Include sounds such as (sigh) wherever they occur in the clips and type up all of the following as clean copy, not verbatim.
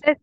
Entonces.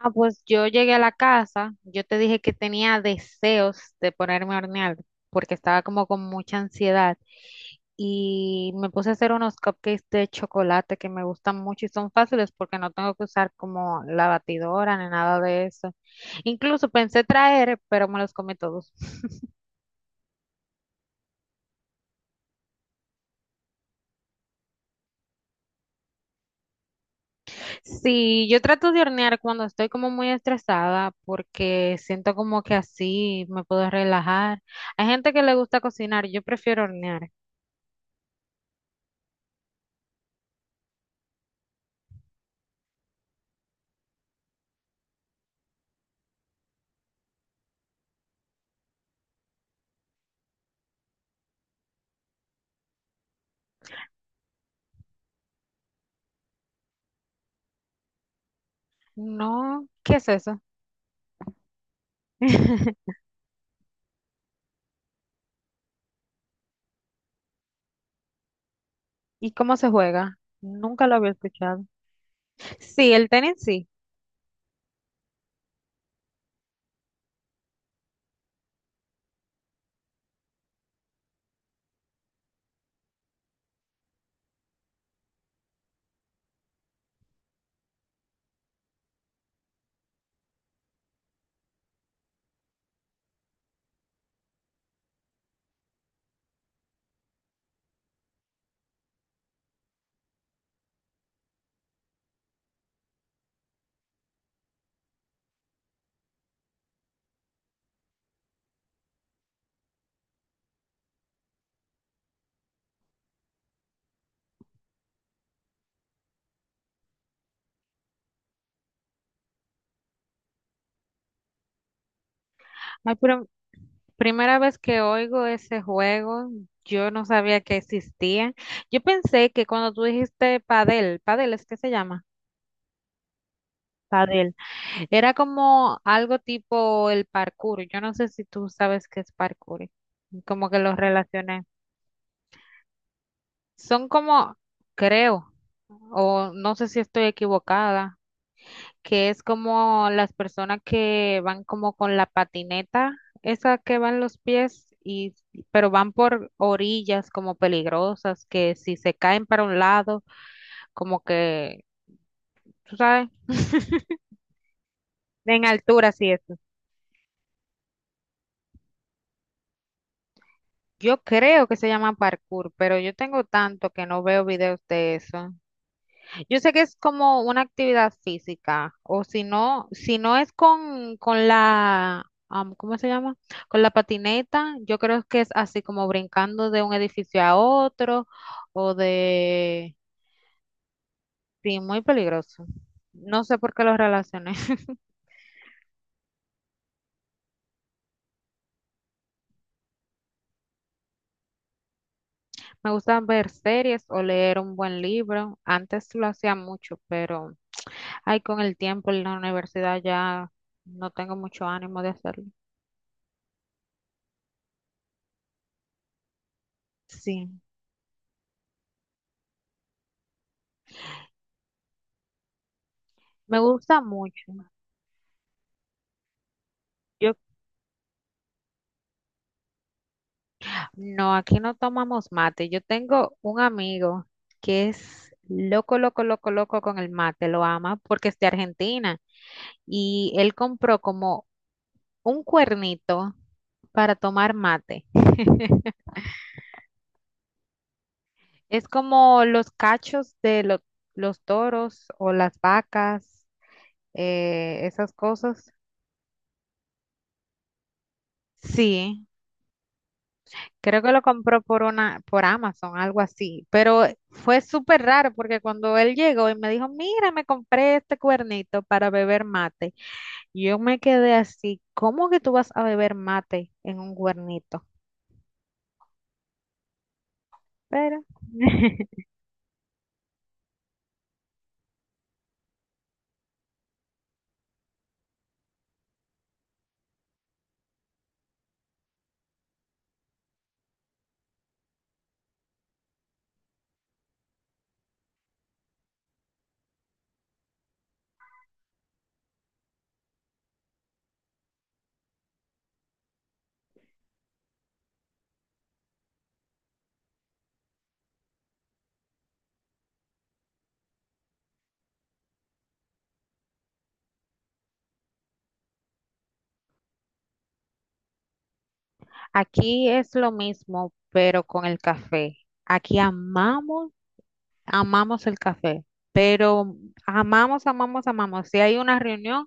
Ah, pues yo llegué a la casa, yo te dije que tenía deseos de ponerme a hornear porque estaba como con mucha ansiedad y me puse a hacer unos cupcakes de chocolate que me gustan mucho y son fáciles porque no tengo que usar como la batidora ni nada de eso. Incluso pensé traer, pero me los comí todos. Sí, yo trato de hornear cuando estoy como muy estresada porque siento como que así me puedo relajar. Hay gente que le gusta cocinar, yo prefiero hornear. No, ¿qué es eso? (laughs) ¿Y cómo se juega? Nunca lo había escuchado. Sí, el tenis sí. Ay, pero primera vez que oigo ese juego, yo no sabía que existía. Yo pensé que cuando tú dijiste padel, padel es que se llama, padel, era como algo tipo el parkour. Yo no sé si tú sabes qué es parkour, como que lo relacioné. Son como, creo, o no sé si estoy equivocada. Que es como las personas que van como con la patineta, esa que van los pies y pero van por orillas como peligrosas, que si se caen para un lado, como que, tú sabes, en altura sí eso. Yo creo que se llama parkour, pero yo tengo tanto que no veo videos de eso. Yo sé que es como una actividad física, o si no, si no es con la, ¿cómo se llama? Con la patineta, yo creo que es así como brincando de un edificio a otro, o de, sí, muy peligroso. No sé por qué lo relacioné. (laughs) Me gusta ver series o leer un buen libro. Antes lo hacía mucho, pero, ay, con el tiempo en la universidad ya no tengo mucho ánimo de hacerlo. Sí, me gusta mucho. Yo no, aquí no tomamos mate. Yo tengo un amigo que es loco, loco, loco, loco con el mate, lo ama porque es de Argentina y él compró como un cuernito para tomar mate. Es como los cachos de los toros o las vacas, esas cosas. Sí. Creo que lo compró por una, por Amazon, algo así. Pero fue súper raro porque cuando él llegó y me dijo, mira, me compré este cuernito para beber mate. Y yo me quedé así, ¿cómo que tú vas a beber mate en un cuernito? Pero (laughs) aquí es lo mismo, pero con el café. Aquí amamos, amamos el café. Pero amamos, amamos, amamos. Si hay una reunión,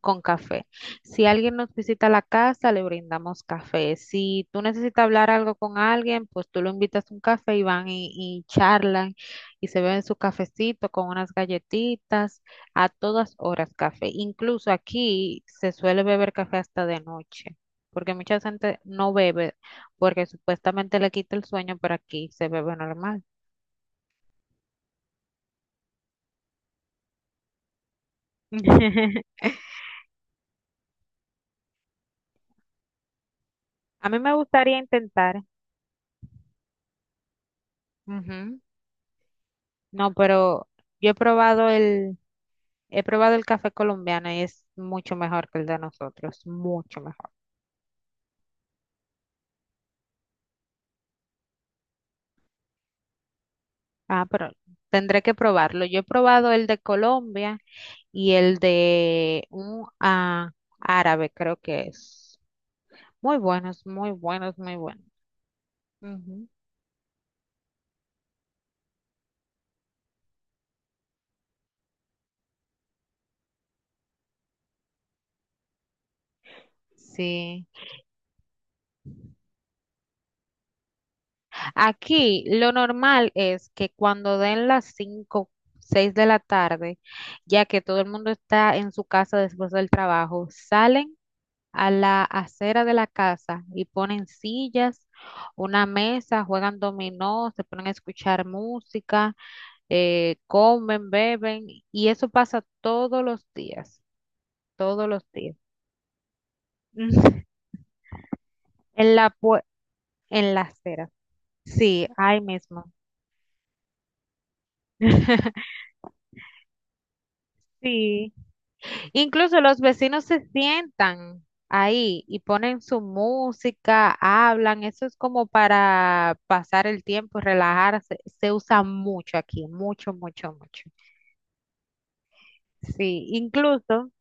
con café. Si alguien nos visita a la casa, le brindamos café. Si tú necesitas hablar algo con alguien, pues tú lo invitas a un café y van y charlan y se beben su cafecito con unas galletitas, a todas horas café. Incluso aquí se suele beber café hasta de noche, porque mucha gente no bebe porque supuestamente le quita el sueño, pero aquí se bebe normal. (laughs) A mí me gustaría intentar. Ujú. No, pero yo he probado el... He probado el café colombiano y es mucho mejor que el de nosotros, mucho mejor. Ah, pero tendré que probarlo. Yo he probado el de Colombia y el de un árabe, creo que es. Muy buenos, muy buenos, muy buenos. Ujú. Sí. Aquí lo normal es que cuando den las 5, 6 de la tarde, ya que todo el mundo está en su casa después del trabajo, salen a la acera de la casa y ponen sillas, una mesa, juegan dominó, se ponen a escuchar música, comen, beben y eso pasa todos los días, todos los días. (laughs) En la, en la acera. Sí, ahí mismo. (laughs) Sí. Incluso los vecinos se sientan ahí y ponen su música, hablan, eso es como para pasar el tiempo, relajarse. Se usa mucho aquí, mucho, mucho, mucho. Sí, incluso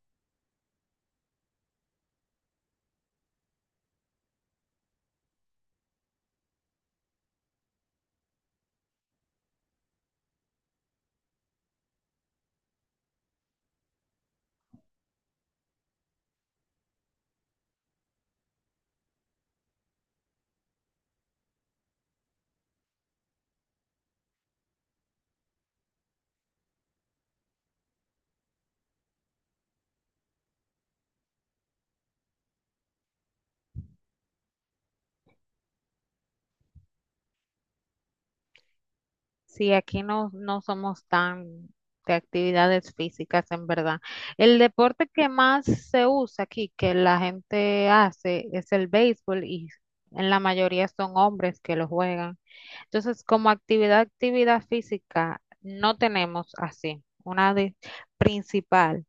si aquí no, no somos tan de actividades físicas, en verdad. El deporte que más se usa aquí, que la gente hace, es el béisbol y en la mayoría son hombres que lo juegan. Entonces, como actividad, actividad física, no tenemos así principal.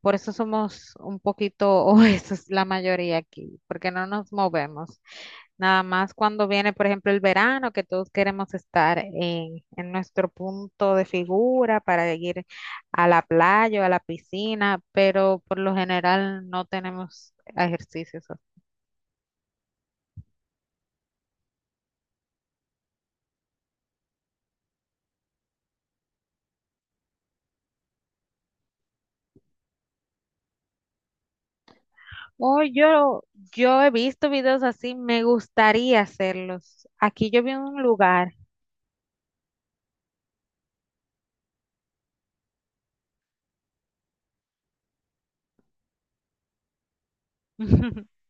Por eso somos un poquito, (laughs) o eso es la mayoría aquí, porque no nos movemos. Nada más cuando viene, por ejemplo, el verano, que todos queremos estar en nuestro punto de figura para ir a la playa o a la piscina, pero por lo general no tenemos ejercicios. Oh, yo he visto videos así, me gustaría hacerlos. Aquí yo vi un lugar. (laughs)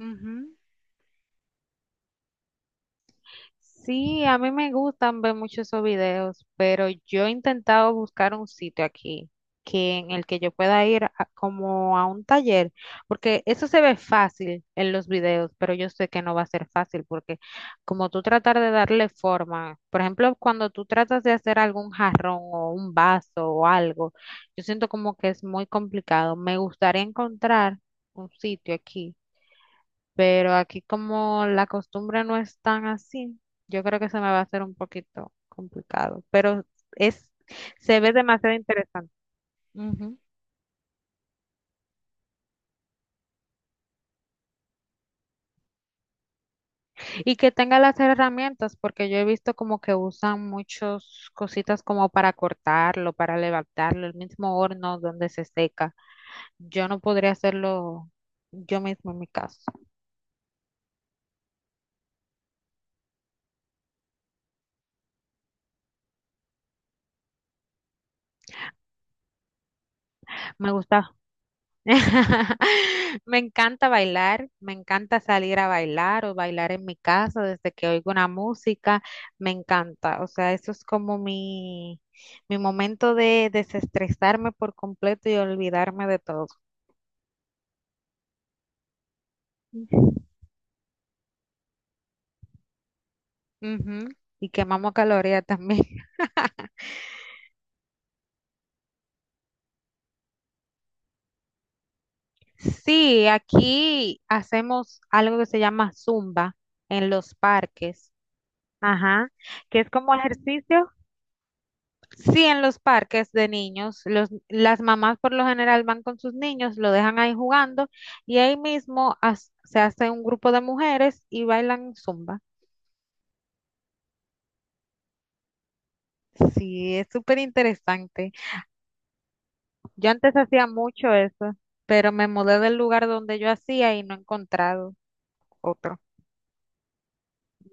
Ujú. Sí, a mí me gustan ver muchos esos videos, pero yo he intentado buscar un sitio aquí que en el que yo pueda ir como a un taller, porque eso se ve fácil en los videos, pero yo sé que no va a ser fácil porque como tú tratar de darle forma, por ejemplo, cuando tú tratas de hacer algún jarrón o un vaso o algo, yo siento como que es muy complicado. Me gustaría encontrar un sitio aquí, pero aquí como la costumbre no es tan así, yo creo que se me va a hacer un poquito complicado, pero es, se ve demasiado interesante. Ujú. Y que tenga las herramientas, porque yo he visto como que usan muchas cositas como para cortarlo, para levantarlo, el mismo horno donde se seca. Yo no podría hacerlo yo mismo en mi caso. Me gusta (laughs) me encanta bailar, me encanta salir a bailar o bailar en mi casa desde que oigo una música, me encanta. O sea, eso es como mi momento de desestresarme por completo y olvidarme de todo. Ujú. Y quemamos calorías también. (laughs) Sí, aquí hacemos algo que se llama zumba en los parques. Ajá, que es como ejercicio. Sí, en los parques de niños, los, las mamás por lo general van con sus niños, lo dejan ahí jugando y ahí mismo se hace un grupo de mujeres y bailan zumba. Sí, es súper interesante. Yo antes hacía mucho eso, pero me mudé del lugar donde yo hacía y no he encontrado otro.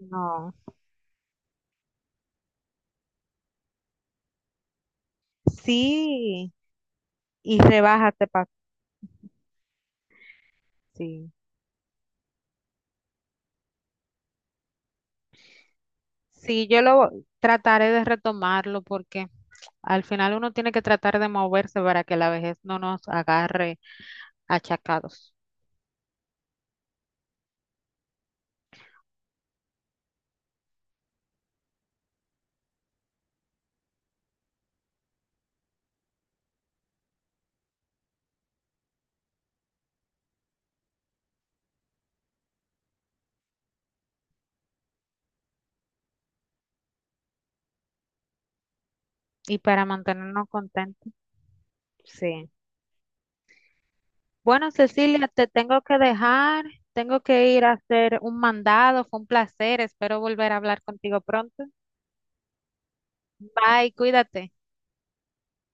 No. Sí, y rebaja este paso. Sí. Sí, yo lo trataré de retomarlo porque al final uno tiene que tratar de moverse para que la vejez no nos agarre achacados. Y para mantenernos contentos, sí. Bueno, Cecilia, te tengo que dejar, tengo que ir a hacer un mandado, fue un placer, espero volver a hablar contigo pronto. Bye, cuídate.